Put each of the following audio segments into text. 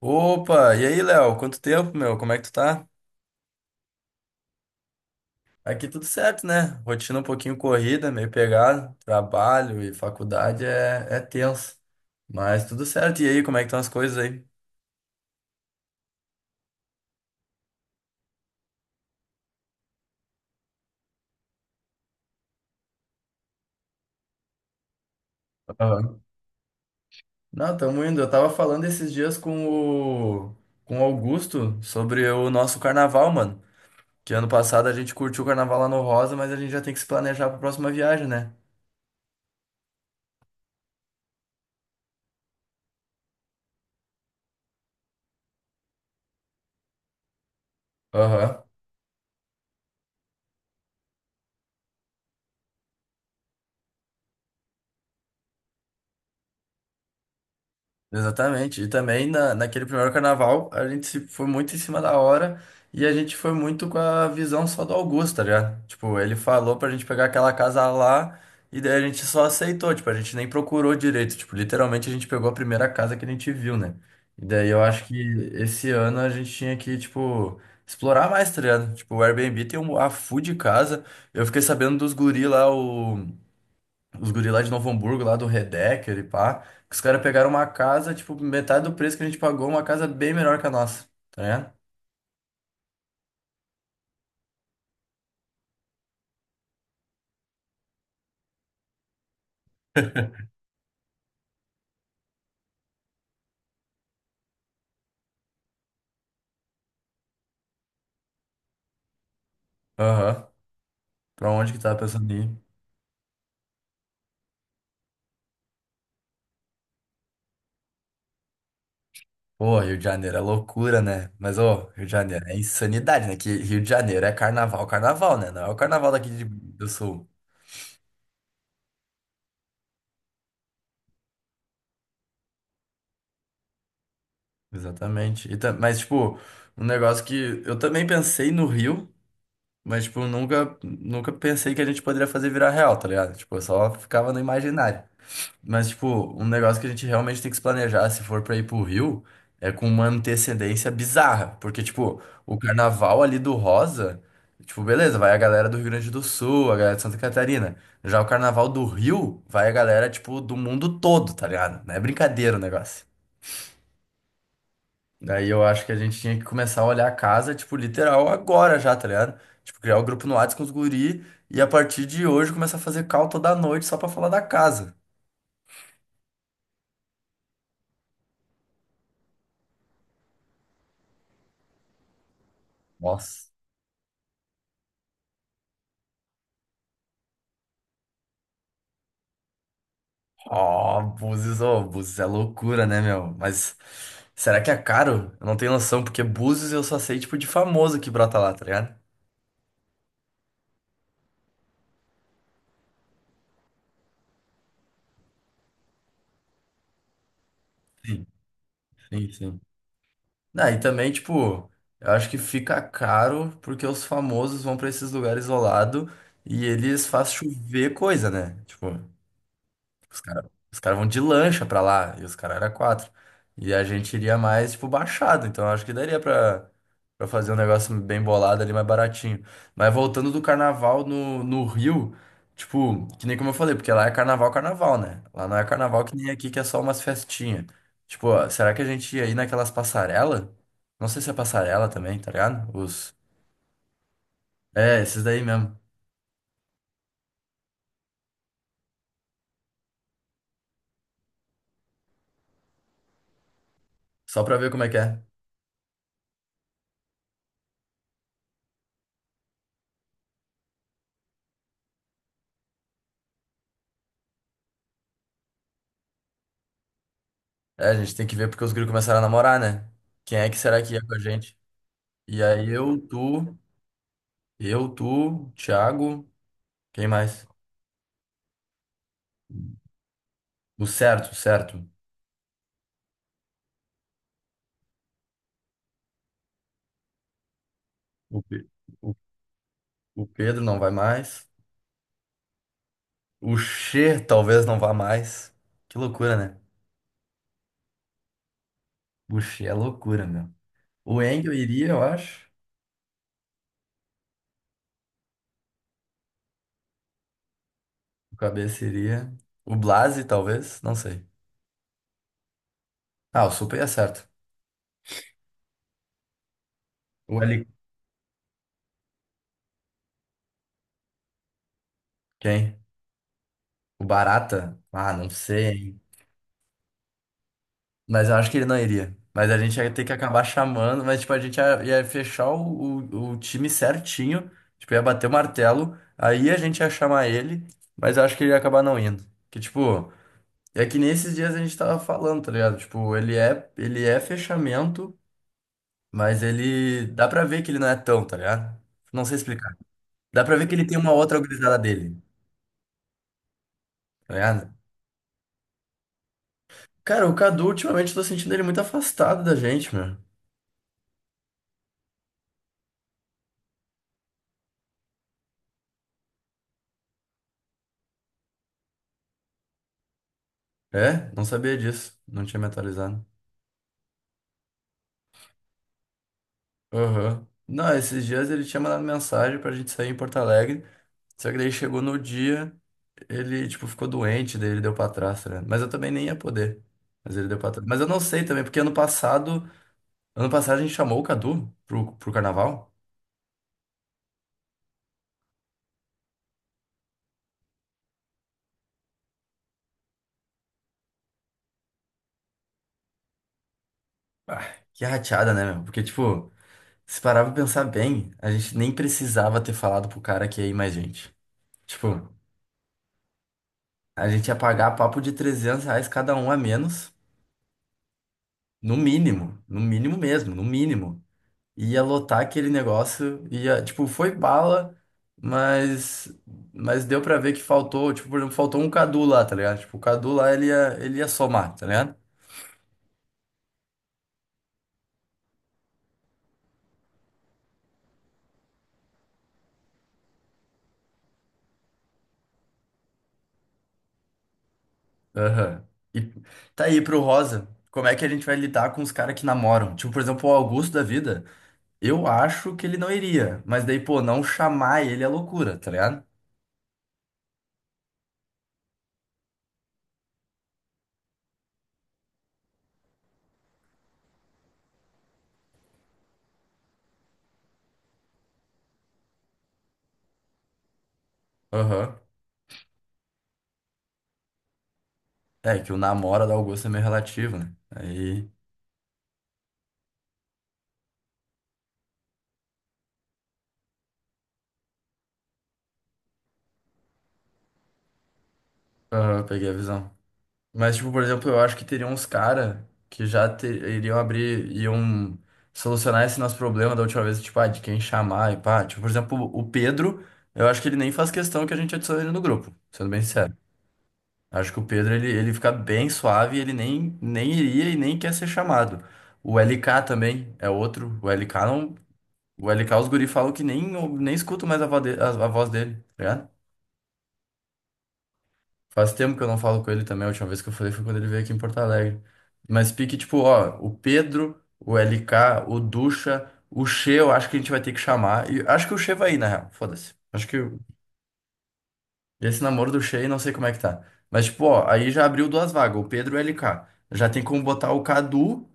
Opa, e aí, Léo? Quanto tempo, meu? Como é que tu tá? Aqui tudo certo, né? Rotina um pouquinho corrida, meio pegado. Trabalho e faculdade é tenso. Mas tudo certo. E aí, como é que estão as coisas aí? Aham. Não, tamo indo. Eu tava falando esses dias com o, o Augusto sobre o nosso carnaval, mano. Que ano passado a gente curtiu o carnaval lá no Rosa, mas a gente já tem que se planejar pra próxima viagem, né? Aham. Exatamente. E também naquele primeiro carnaval, a gente foi muito em cima da hora e a gente foi muito com a visão só do Augusto, tá ligado? Tipo, ele falou pra gente pegar aquela casa lá e daí a gente só aceitou, tipo, a gente nem procurou direito. Tipo, literalmente a gente pegou a primeira casa que a gente viu, né? E daí eu acho que esse ano a gente tinha que, tipo, explorar mais, tá ligado? Tipo, o Airbnb tem a full de casa. Eu fiquei sabendo dos guri lá, o. Os guri lá de Novo Hamburgo, lá do Redecker e pá. Que os caras pegaram uma casa, tipo, metade do preço que a gente pagou, uma casa bem melhor que a nossa. Tá ligado? Aham. Pra onde que tava pensando em ir? Pô, Rio de Janeiro é loucura, né? Mas, ô, Rio de Janeiro é insanidade, né? Que Rio de Janeiro é carnaval, carnaval, né? Não é o carnaval do Sul. Exatamente. Mas, tipo, um negócio que eu também pensei no Rio, mas, tipo, nunca pensei que a gente poderia fazer virar real, tá ligado? Tipo, eu só ficava no imaginário. Mas, tipo, um negócio que a gente realmente tem que se planejar se for pra ir pro Rio é com uma antecedência bizarra. Porque, tipo, o carnaval ali do Rosa, tipo, beleza, vai a galera do Rio Grande do Sul, a galera de Santa Catarina. Já o carnaval do Rio, vai a galera, tipo, do mundo todo, tá ligado? Não é brincadeira o negócio. Daí eu acho que a gente tinha que começar a olhar a casa, tipo, literal agora já, tá ligado? Tipo, criar o grupo no WhatsApp com os guri e a partir de hoje começar a fazer call toda noite só pra falar da casa. Nossa. Ó, Búzios, ô, Búzios é loucura, né, meu? Mas será que é caro? Eu não tenho noção, porque Búzios eu só sei, tipo, de famoso que brota lá, tá ligado? Sim, sim, sim. Ah, e também, tipo, eu acho que fica caro porque os famosos vão pra esses lugares isolados e eles fazem chover coisa, né? Tipo, Os cara vão de lancha pra lá, e os caras eram quatro. E a gente iria mais, tipo, baixado, então acho que daria pra fazer um negócio bem bolado ali, mais baratinho. Mas voltando do carnaval no Rio, tipo, que nem como eu falei, porque lá é carnaval, carnaval, né? Lá não é carnaval que nem aqui, que é só umas festinhas. Tipo, ó, será que a gente ia ir naquelas passarela? Não sei se é passarela também, tá ligado? Os... É, esses daí mesmo. Só pra ver como é que é. É, a gente tem que ver porque os gringos começaram a namorar, né? Quem é que será que ia com a gente? E aí eu, tu, Thiago, quem mais? O certo, o certo. O, Pe- o, o Pedro não vai mais. O Che talvez não vá mais. Que loucura, né? O Che é loucura, meu. O Engel iria, eu acho. O Cabeça iria. O Blase, talvez, não sei. Ah, o Super é certo. O L... Quem? O Barata? Ah, não sei, hein? Mas eu acho que ele não iria. Mas a gente ia ter que acabar chamando, mas tipo, a gente ia fechar o time certinho, tipo, ia bater o martelo, aí a gente ia chamar ele, mas eu acho que ele ia acabar não indo. Que tipo, é que nesses dias a gente tava falando, tá ligado? Tipo, ele é fechamento, mas ele dá pra ver que ele não é tão, tá ligado? Não sei explicar. Dá pra ver que ele tem uma outra gurizada dele, tá ligado? Cara, o Cadu ultimamente eu tô sentindo ele muito afastado da gente, meu. É? Não sabia disso. Não tinha me atualizado. Aham. Não, esses dias ele tinha mandado mensagem pra gente sair em Porto Alegre. Só que daí chegou no dia, ele, tipo, ficou doente, daí ele deu pra trás, tá ligado? Mas eu também nem ia poder. Mas ele deu pra trás. Mas eu não sei também, porque ano passado a gente chamou o Cadu pro carnaval. Ah, que rateada, né, meu? Porque, tipo, se parava pra pensar bem, a gente nem precisava ter falado pro cara que ia ir mais gente. Tipo, a gente ia pagar papo de 300 reais cada um a menos, no mínimo, no mínimo mesmo, no mínimo. Ia lotar aquele negócio, ia, tipo, foi bala, mas mas deu pra ver que faltou, tipo, por exemplo, faltou um Cadu lá, tá ligado? Tipo, o Cadu lá ele ia somar, tá ligado? Aham. E tá aí pro Rosa, como é que a gente vai lidar com os caras que namoram? Tipo, por exemplo, o Augusto da vida, eu acho que ele não iria, mas daí, pô, não chamar ele é loucura, tá ligado? Aham. É que o namoro do Augusto é meio relativo, né? Aí, aham, peguei a visão. Mas, tipo, por exemplo, eu acho que teriam uns cara que iriam abrir, iam solucionar esse nosso problema da última vez, tipo, ah, de quem chamar e pá. Tipo, por exemplo, o Pedro, eu acho que ele nem, faz questão que a gente adicione ele no grupo, sendo bem sincero. Acho que o Pedro, ele fica bem suave, ele nem iria e nem quer ser chamado. O LK também é outro. O LK não. O LK, os guri falam que nem escuto mais a voz dele, tá ligado? Faz tempo que eu não falo com ele também. A última vez que eu falei foi quando ele veio aqui em Porto Alegre. Mas pique, tipo, ó, o Pedro, o LK, o Ducha, o Che, eu acho que a gente vai ter que chamar. E acho que o Che vai ir, na real. Foda-se. Acho que esse namoro do Che, não sei como é que tá. Mas, tipo, ó, aí já abriu duas vagas, o Pedro e o LK. Já tem como botar o Cadu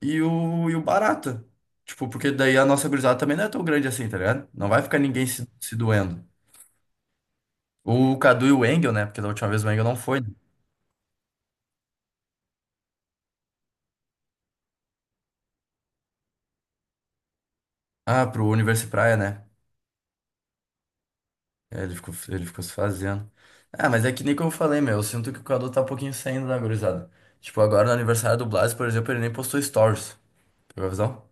e o Barata. Tipo, porque daí a nossa gurizada também não é tão grande assim, tá ligado? Não vai ficar ninguém se doendo. O Cadu e o Engel, né? Porque da última vez o Engel não foi, né? Ah, pro Universo e Praia, né? É, ele ficou se fazendo. Ah, mas é que nem como eu falei, meu. Eu sinto que o Cadu tá um pouquinho saindo da gurizada. Tipo, agora no aniversário do Blas, por exemplo, ele nem postou stories. Pegou a visão?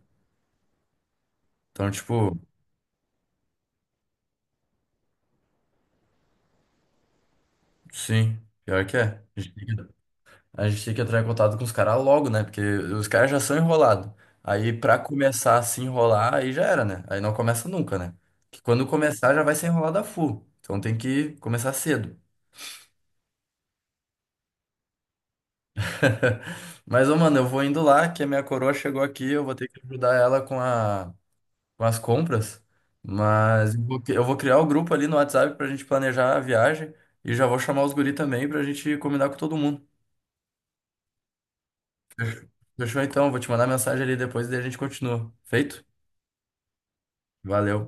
Então, tipo, sim. Pior que é. A gente tem que entrar em contato com os caras logo, né? Porque os caras já são enrolados. Aí, pra começar a se enrolar, aí já era, né? Aí não começa nunca, né? Que quando começar, já vai ser enrolado a full. Então tem que começar cedo. Mas, ô, mano, eu vou indo lá, que a minha coroa chegou aqui. Eu vou ter que ajudar ela com a com as compras, mas eu vou criar o grupo ali no WhatsApp pra gente planejar a viagem e já vou chamar os guri também pra gente combinar com todo mundo. Fechou. Fechou, então, vou te mandar mensagem ali depois e daí a gente continua. Feito? Valeu.